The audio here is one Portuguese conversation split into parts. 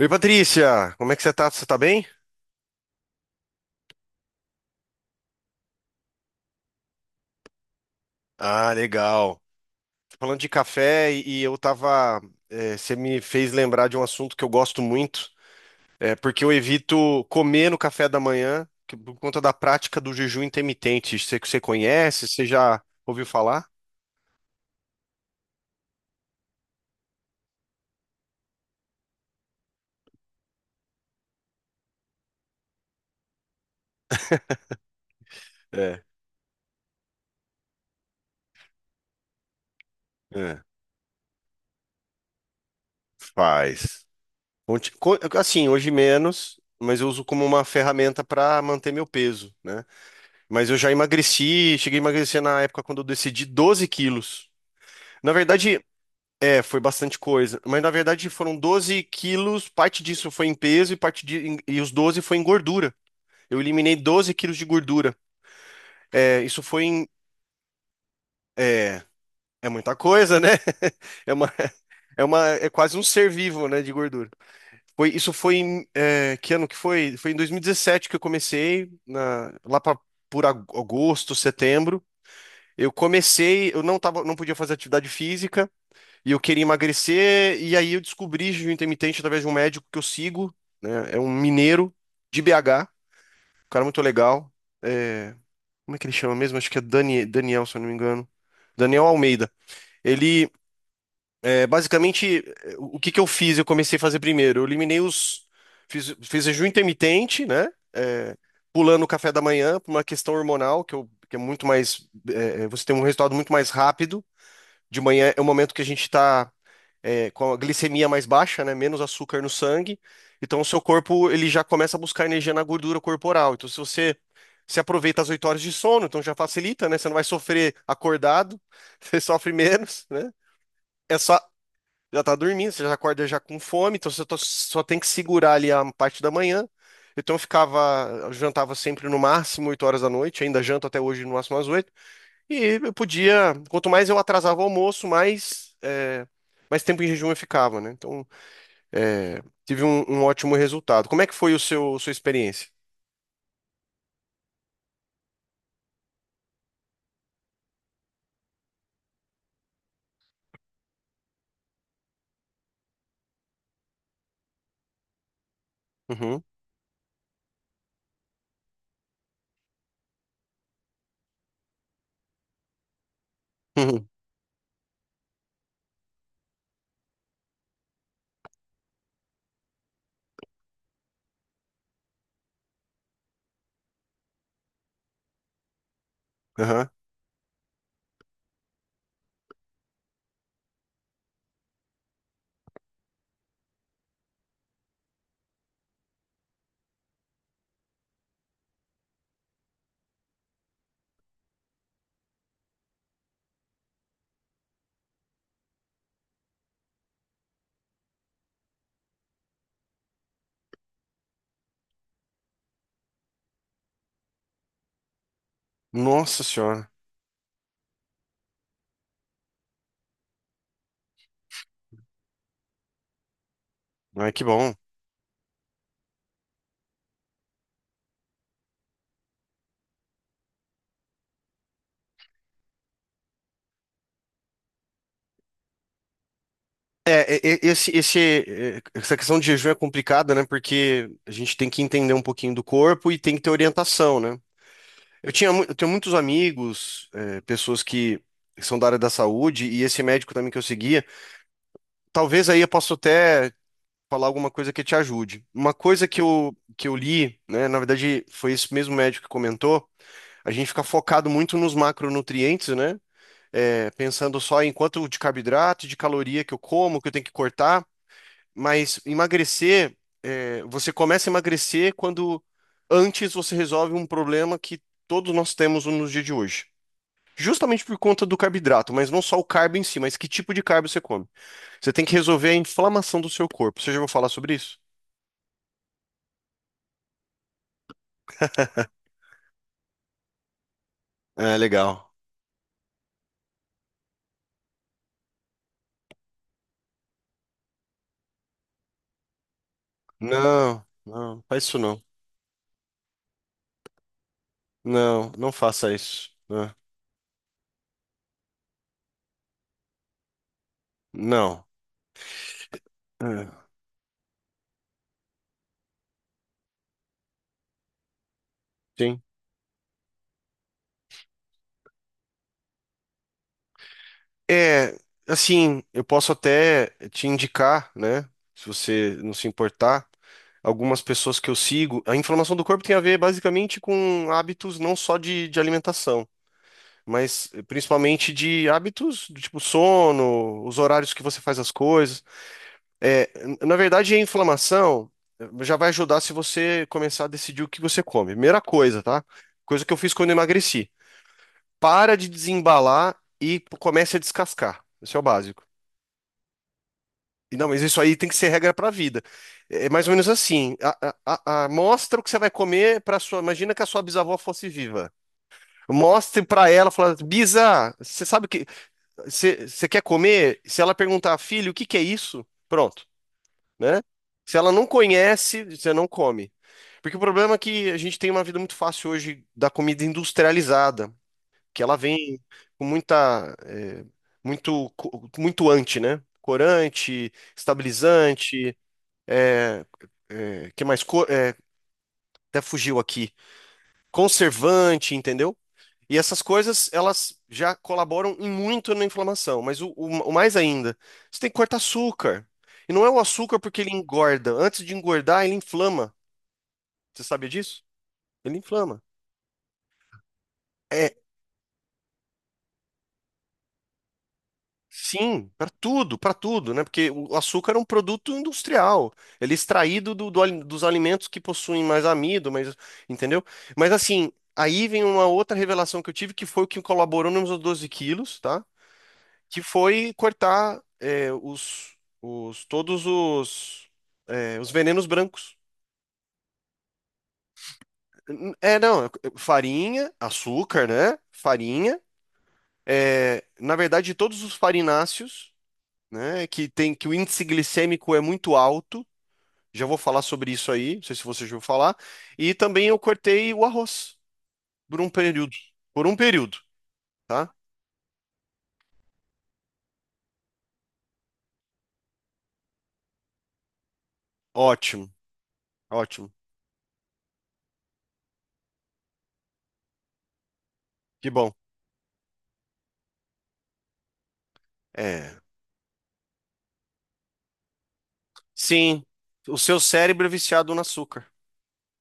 Oi, Patrícia, como é que você tá? Você tá bem? Ah, legal. Falando de café e eu tava. Você me fez lembrar de um assunto que eu gosto muito, porque eu evito comer no café da manhã por conta da prática do jejum intermitente. Você conhece? Você já ouviu falar? É. É. Faz. Assim, hoje menos, mas eu uso como uma ferramenta para manter meu peso, né? Mas eu já emagreci, cheguei a emagrecer na época quando eu decidi 12 quilos. Na verdade, é, foi bastante coisa. Mas na verdade foram 12 quilos, parte disso foi em peso e parte de, em- e os 12 foi em gordura. Eu eliminei 12 quilos de gordura. É, isso foi em. É, é muita coisa, né? É uma, é uma, é quase um ser vivo, né, de gordura. Foi, isso foi em. Que ano que foi? Foi em 2017 que eu comecei, lá pra, por agosto, setembro. Eu comecei, eu não tava, não podia fazer atividade física e eu queria emagrecer, e aí eu descobri jejum intermitente através de um médico que eu sigo, né? É um mineiro de BH, um cara muito legal. É, como é que ele chama mesmo? Acho que é Daniel, se eu não me engano. Daniel Almeida. Ele, basicamente, o que que eu fiz? Eu comecei a fazer primeiro. Eu eliminei os. Fiz jejum intermitente, né? É, pulando o café da manhã, por uma questão hormonal, que é muito mais. Você tem um resultado muito mais rápido de manhã. É o momento que a gente está com a glicemia mais baixa, né? Menos açúcar no sangue. Então, o seu corpo ele já começa a buscar energia na gordura corporal. Então, se aproveita as 8 horas de sono, então já facilita, né? Você não vai sofrer acordado, você sofre menos, né? É só já tá dormindo, você já acorda já com fome, então só tem que segurar ali a parte da manhã. Então, eu ficava, eu jantava sempre no máximo 8 horas da noite, ainda janto até hoje no máximo às 8. E eu podia, quanto mais eu atrasava o almoço, mais tempo em jejum eu ficava, né? Então, tive um ótimo resultado. Como é que foi o seu, sua experiência? Uhum. Uhum. Aham. Nossa senhora. Ai, que bom. Esse, essa questão de jejum é complicada, né? Porque a gente tem que entender um pouquinho do corpo e tem que ter orientação, né? Eu tenho muitos amigos, é, pessoas que são da área da saúde, e esse médico também que eu seguia, talvez aí eu possa até falar alguma coisa que te ajude. Uma coisa que eu li, né, na verdade foi esse mesmo médico que comentou, a gente fica focado muito nos macronutrientes, né? Pensando só em quanto de carboidrato, de caloria que eu como, que eu tenho que cortar, mas emagrecer, você começa a emagrecer quando antes você resolve um problema que todos nós temos nos dias de hoje. Justamente por conta do carboidrato, mas não só o carbo em si, mas que tipo de carbo você come. Você tem que resolver a inflamação do seu corpo. Você já ouviu falar sobre isso? É, legal. Não, não, faz isso não. Não, não faça isso. Né? Não. É, sim. É, assim, eu posso até te indicar, né? Se você não se importar, algumas pessoas que eu sigo. A inflamação do corpo tem a ver basicamente com hábitos não só de alimentação, mas principalmente de hábitos do tipo sono, os horários que você faz as coisas. É, na verdade, a inflamação já vai ajudar se você começar a decidir o que você come. Primeira coisa, tá? Coisa que eu fiz quando eu emagreci. Para de desembalar e comece a descascar. Esse é o básico. E não, mas isso aí tem que ser regra para a vida. É é mais ou menos assim. Mostra o que você vai comer para sua. Imagina que a sua bisavó fosse viva. Mostre para ela, fala, Bisa, você sabe o que você quer comer? Se ela perguntar, filho, o que que é isso? Pronto. Né? Se ela não conhece, você não come. Porque o problema é que a gente tem uma vida muito fácil hoje da comida industrializada, que ela vem com muito, muito anti né? Corante, estabilizante, é, que mais? Até fugiu aqui. Conservante, entendeu? E essas coisas, elas já colaboram em muito na inflamação, mas o mais ainda, você tem que cortar açúcar. E não é o açúcar porque ele engorda. Antes de engordar, ele inflama. Você sabia disso? Ele inflama. É, sim, para tudo, né? Porque o açúcar é um produto industrial. Ele é extraído dos alimentos que possuem mais amido, mas, entendeu? Mas assim, aí vem uma outra revelação que eu tive, que foi o que colaborou nos meus 12 quilos, tá? Que foi cortar é, os todos os os venenos brancos. É, não, é farinha, açúcar, né? Farinha. É, na verdade, todos os farináceos, né? Que o índice glicêmico é muito alto. Já vou falar sobre isso aí. Não sei se você já ouviu falar. E também eu cortei o arroz por um período. Por um período, tá? Ótimo, ótimo. Que bom. É. Sim, o seu cérebro é viciado no açúcar.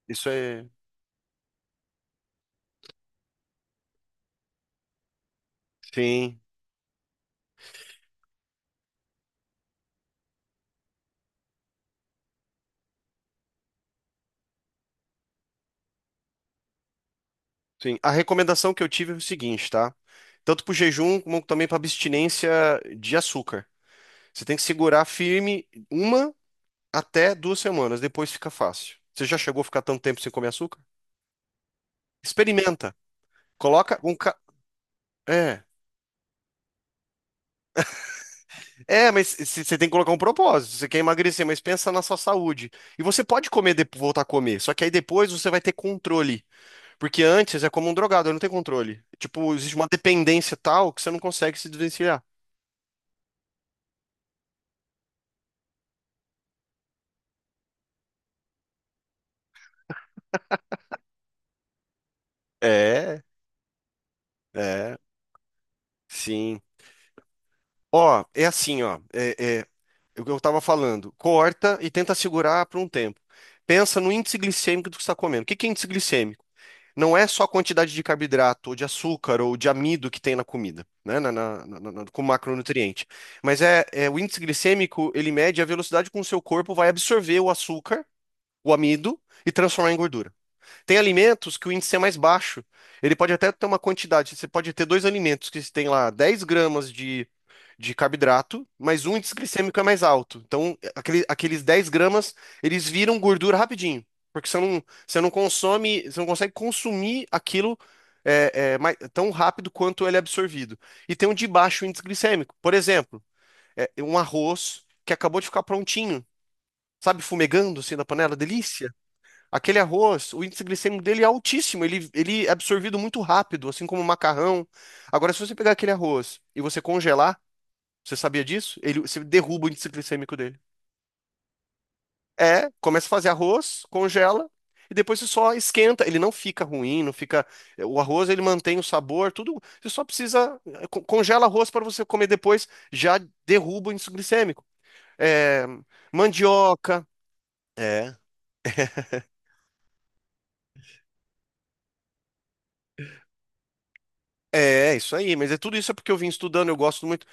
Isso é sim, sim. A recomendação que eu tive é o seguinte, tá? Tanto para o jejum como também para abstinência de açúcar. Você tem que segurar firme uma até duas semanas, depois fica fácil. Você já chegou a ficar tanto tempo sem comer açúcar? Experimenta. Coloca um. Ca... É. É, mas você tem que colocar um propósito. Você quer emagrecer, mas pensa na sua saúde. E você pode comer, voltar a comer. Só que aí depois você vai ter controle. Porque antes é como um drogado, não tem controle. Tipo, existe uma dependência tal que você não consegue se desvencilhar. É. É, sim. Ó, é assim, ó. É o que eu tava falando. Corta e tenta segurar por um tempo. Pensa no índice glicêmico do que você está comendo. O que que é índice glicêmico? Não é só a quantidade de carboidrato, ou de açúcar, ou de amido que tem na comida, né? Como macronutriente. Mas é o índice glicêmico, ele mede a velocidade com que o seu corpo vai absorver o açúcar, o amido, e transformar em gordura. Tem alimentos que o índice é mais baixo. Ele pode até ter uma quantidade. Você pode ter dois alimentos que tem lá 10 gramas de carboidrato, mas o índice glicêmico é mais alto. Então, aqueles 10 gramas, eles viram gordura rapidinho. Porque você não consome, você não consegue consumir aquilo tão rápido quanto ele é absorvido. E tem um de baixo índice glicêmico. Por exemplo, um arroz que acabou de ficar prontinho, sabe, fumegando assim na panela, delícia. Aquele arroz, o índice glicêmico dele é altíssimo, ele é absorvido muito rápido, assim como o macarrão. Agora, se você pegar aquele arroz e você congelar, você sabia disso? Você derruba o índice glicêmico dele. É, começa a fazer arroz, congela, e depois você só esquenta. Ele não fica ruim, não fica. O arroz, ele mantém o sabor, tudo. Você só precisa. Congela arroz para você comer depois, já derruba o índice glicêmico. É, mandioca. É é, é isso aí, mas tudo isso é porque eu vim estudando, eu gosto muito.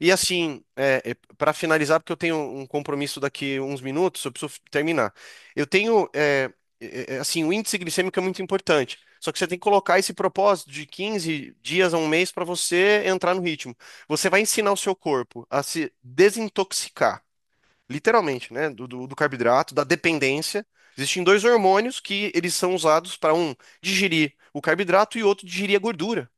E assim, é, para finalizar, porque eu tenho um compromisso daqui uns minutos, eu preciso terminar. Eu tenho, é, é, é, assim, o índice glicêmico é muito importante. Só que você tem que colocar esse propósito de 15 dias a um mês para você entrar no ritmo. Você vai ensinar o seu corpo a se desintoxicar, literalmente, né, do carboidrato, da dependência. Existem dois hormônios que eles são usados para um digerir o carboidrato e outro digerir a gordura.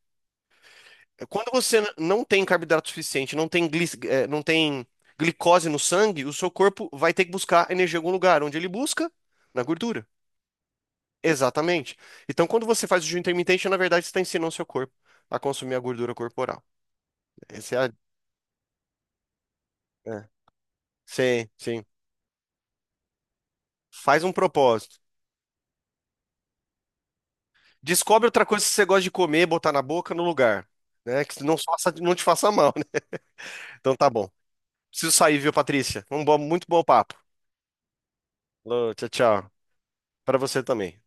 Quando você não tem carboidrato suficiente, não tem glicose no sangue, o seu corpo vai ter que buscar energia em algum lugar. Onde ele busca? Na gordura. Exatamente. Então, quando você faz o jejum intermitente, na verdade, você está ensinando o seu corpo a consumir a gordura corporal. Essa é é. Sim, sim. Faz um propósito. Descobre outra coisa que você gosta de comer, botar na boca, no lugar. Né? Que não faça, não te faça mal, né? Então tá bom. Preciso sair, viu, Patrícia? Um bom, muito bom papo. Alô, tchau, tchau. Para você também.